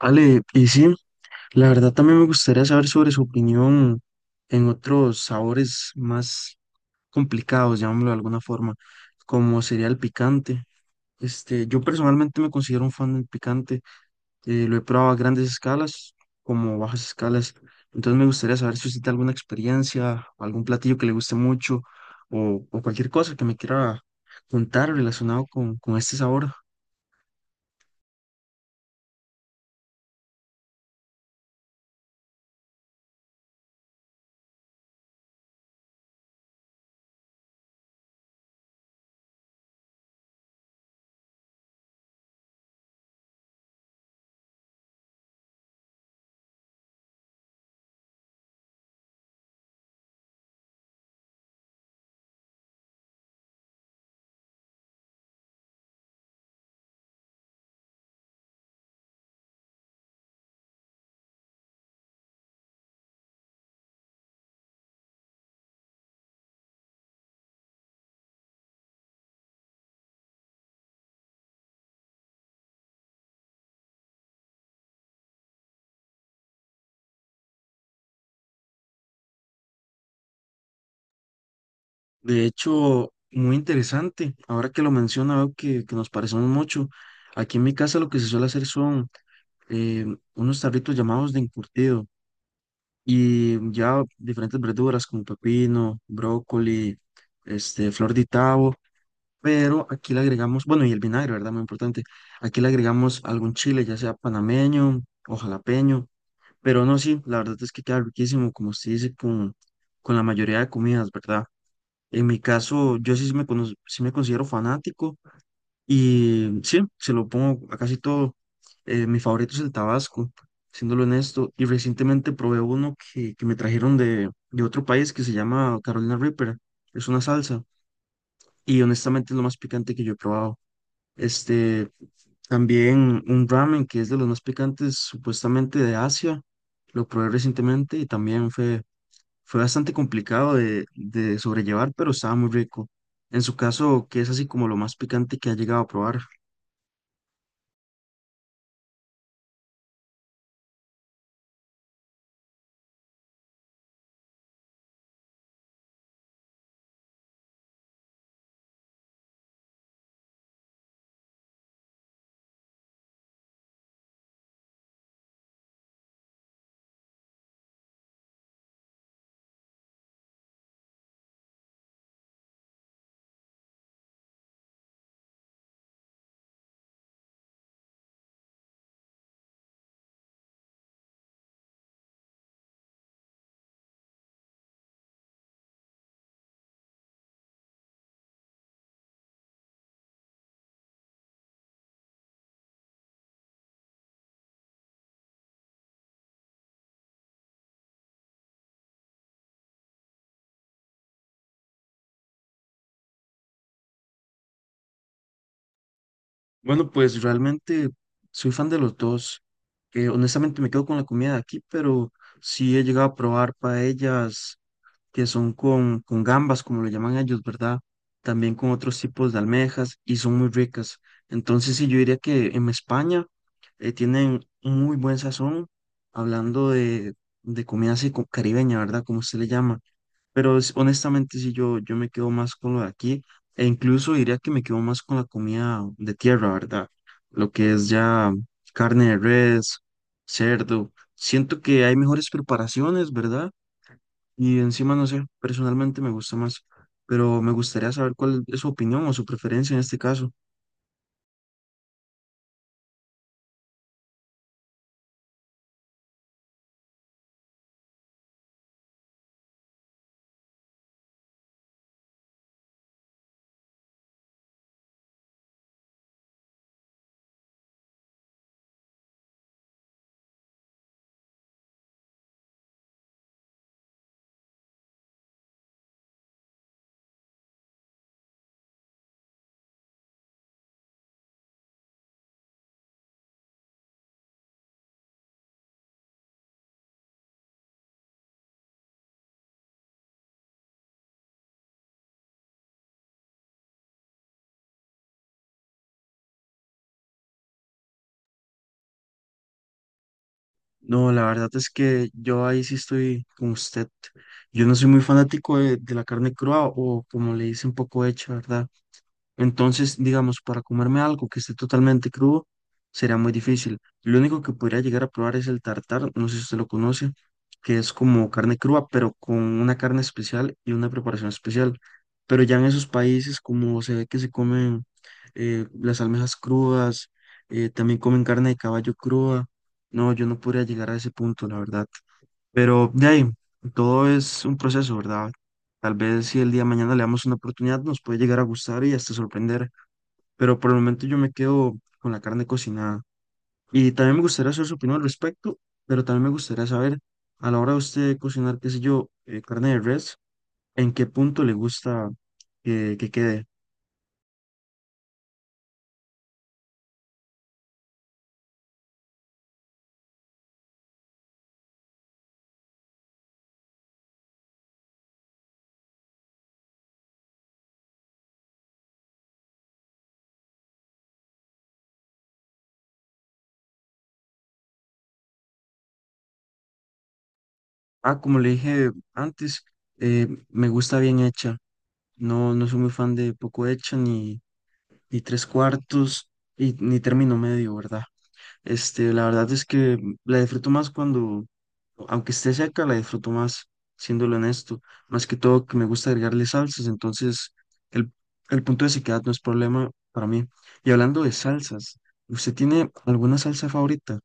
Ale, y sí, la verdad también me gustaría saber sobre su opinión en otros sabores más complicados, llamémoslo de alguna forma, como sería el picante. Yo personalmente me considero un fan del picante, lo he probado a grandes escalas como bajas escalas, entonces me gustaría saber si usted tiene alguna experiencia, algún platillo que le guste mucho o cualquier cosa que me quiera contar relacionado con este sabor. De hecho, muy interesante. Ahora que lo menciona, veo que nos parecemos mucho. Aquí en mi casa lo que se suele hacer son eh, unos tarritos llamados de encurtido y ya diferentes verduras como pepino, brócoli, flor de tabo, pero aquí le agregamos, bueno, y el vinagre, ¿verdad? Muy importante. Aquí le agregamos algún chile, ya sea panameño o jalapeño, pero no, sí, la verdad es que queda riquísimo, como se dice, con la mayoría de comidas, ¿verdad? En mi caso, yo sí me, sí me considero fanático y sí, se lo pongo a casi todo. Mi favorito es el Tabasco, siéndolo honesto. Y recientemente probé uno que me trajeron de otro país que se llama Carolina Reaper. Es una salsa y honestamente es lo más picante que yo he probado. Este, También un ramen que es de los más picantes supuestamente de Asia. Lo probé recientemente y también fue bastante complicado de sobrellevar, pero estaba muy rico. En su caso, ¿qué es así como lo más picante que ha llegado a probar? Bueno, pues realmente soy fan de los dos. Honestamente me quedo con la comida de aquí, pero sí he llegado a probar paellas, que son con gambas, como lo llaman ellos, ¿verdad? También con otros tipos de almejas y son muy ricas. Entonces, sí, yo diría que en España tienen un muy buen sazón, hablando de comida así caribeña, ¿verdad? Como se le llama. Pero honestamente, sí, yo me quedo más con lo de aquí e incluso diría que me quedo más con la comida de tierra, ¿verdad? Lo que es ya carne de res, cerdo. Siento que hay mejores preparaciones, ¿verdad? Y encima, no sé, personalmente me gusta más, pero me gustaría saber cuál es su opinión o su preferencia en este caso. No, la verdad es que yo ahí sí estoy con usted. Yo no soy muy fanático de la carne cruda o como le dicen, poco hecha, ¿verdad? Entonces, digamos, para comerme algo que esté totalmente crudo, sería muy difícil. Lo único que podría llegar a probar es el tartar, no sé si usted lo conoce, que es como carne cruda, pero con una carne especial y una preparación especial. Pero ya en esos países, como se ve que se comen las almejas crudas, también comen carne de caballo cruda, no, yo no podría llegar a ese punto, la verdad. Pero de ahí, todo es un proceso, ¿verdad? Tal vez si el día de mañana le damos una oportunidad, nos puede llegar a gustar y hasta sorprender. Pero por el momento yo me quedo con la carne cocinada. Y también me gustaría saber su opinión al respecto, pero también me gustaría saber, a la hora de usted cocinar, qué sé yo, carne de res, ¿en qué punto le gusta que quede? Ah, como le dije antes, me gusta bien hecha. No, no soy muy fan de poco hecha ni, ni tres cuartos y, ni término medio, ¿verdad? La verdad es que la disfruto más cuando, aunque esté seca, la disfruto más, siéndolo honesto. Más que todo que me gusta agregarle salsas, entonces el, el punto de sequedad no es problema para mí. Y hablando de salsas, ¿usted tiene alguna salsa favorita?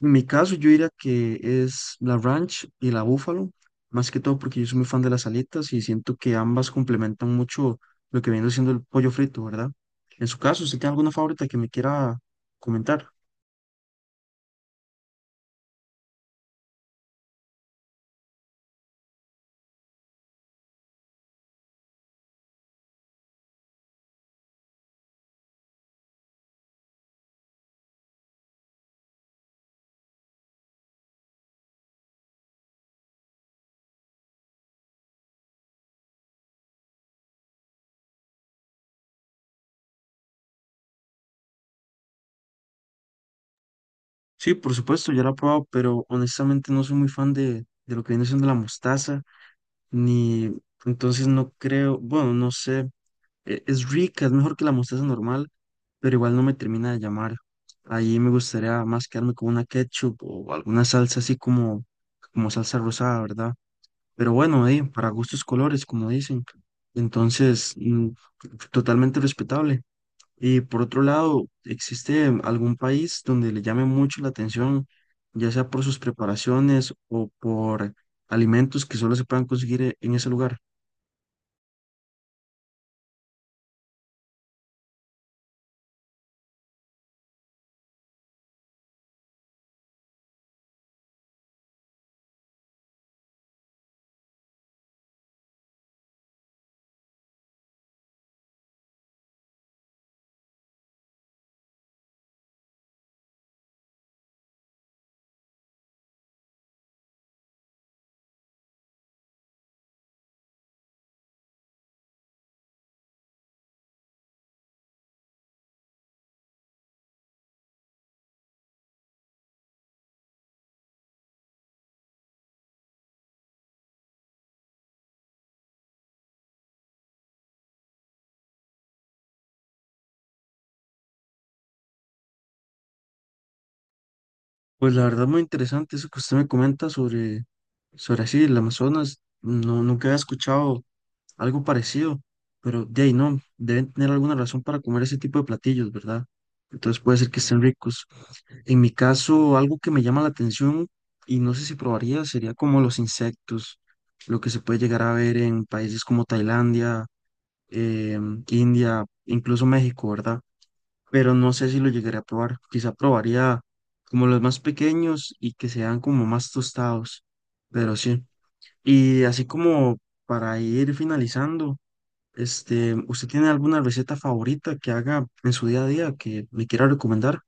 En mi caso, yo diría que es la ranch y la búfalo, más que todo porque yo soy muy fan de las alitas y siento que ambas complementan mucho lo que viene siendo el pollo frito, ¿verdad? En su caso, ¿usted tiene alguna favorita que me quiera comentar? Sí, por supuesto, ya la he probado, pero honestamente no soy muy fan de lo que viene siendo la mostaza, ni entonces no creo, bueno, no sé, es rica, es mejor que la mostaza normal, pero igual no me termina de llamar. Ahí me gustaría más quedarme con una ketchup o alguna salsa así como, como salsa rosada, ¿verdad? Pero bueno, para gustos colores, como dicen. Entonces, totalmente respetable. Y por otro lado, ¿existe algún país donde le llame mucho la atención, ya sea por sus preparaciones o por alimentos que solo se puedan conseguir en ese lugar? Pues la verdad muy interesante eso que usted me comenta sobre, sobre así, el Amazonas. No, nunca había escuchado algo parecido, pero de ahí no, deben tener alguna razón para comer ese tipo de platillos, ¿verdad? Entonces puede ser que estén ricos. En mi caso, algo que me llama la atención y no sé si probaría sería como los insectos, lo que se puede llegar a ver en países como Tailandia, India, incluso México, ¿verdad? Pero no sé si lo llegaré a probar. Quizá probaría como los más pequeños y que sean como más tostados, pero sí. Y así como para ir finalizando, ¿usted tiene alguna receta favorita que haga en su día a día que me quiera recomendar?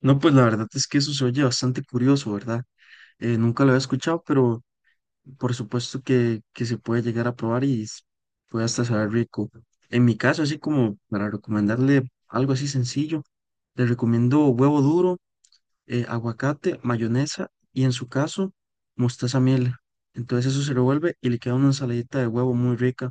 No, pues la verdad es que eso se oye bastante curioso, ¿verdad? Nunca lo había escuchado, pero por supuesto que se puede llegar a probar y puede hasta saber rico. En mi caso, así como para recomendarle algo así sencillo, le recomiendo huevo duro, aguacate, mayonesa y en su caso, mostaza miel. Entonces eso se revuelve y le queda una ensaladita de huevo muy rica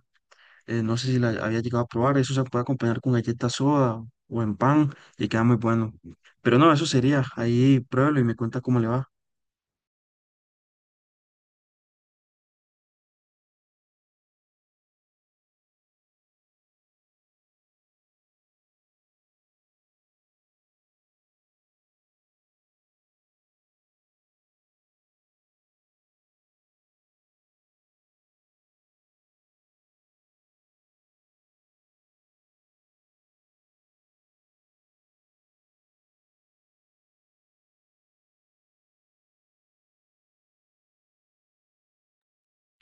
no sé si la había llegado a probar, eso se puede acompañar con galleta soda o en pan y queda muy bueno. Pero no, eso sería, ahí pruébelo y me cuenta cómo le va.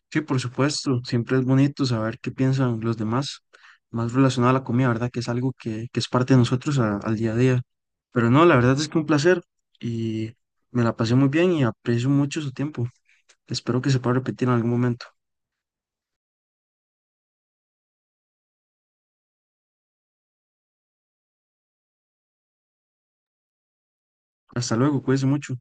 Sí, por supuesto, siempre es bonito saber qué piensan los demás, más relacionado a la comida, ¿verdad? Que es algo que es parte de nosotros al día a día. Pero no, la verdad es que un placer y me la pasé muy bien y aprecio mucho su tiempo. Espero que se pueda repetir en algún momento. Hasta luego, cuídense mucho.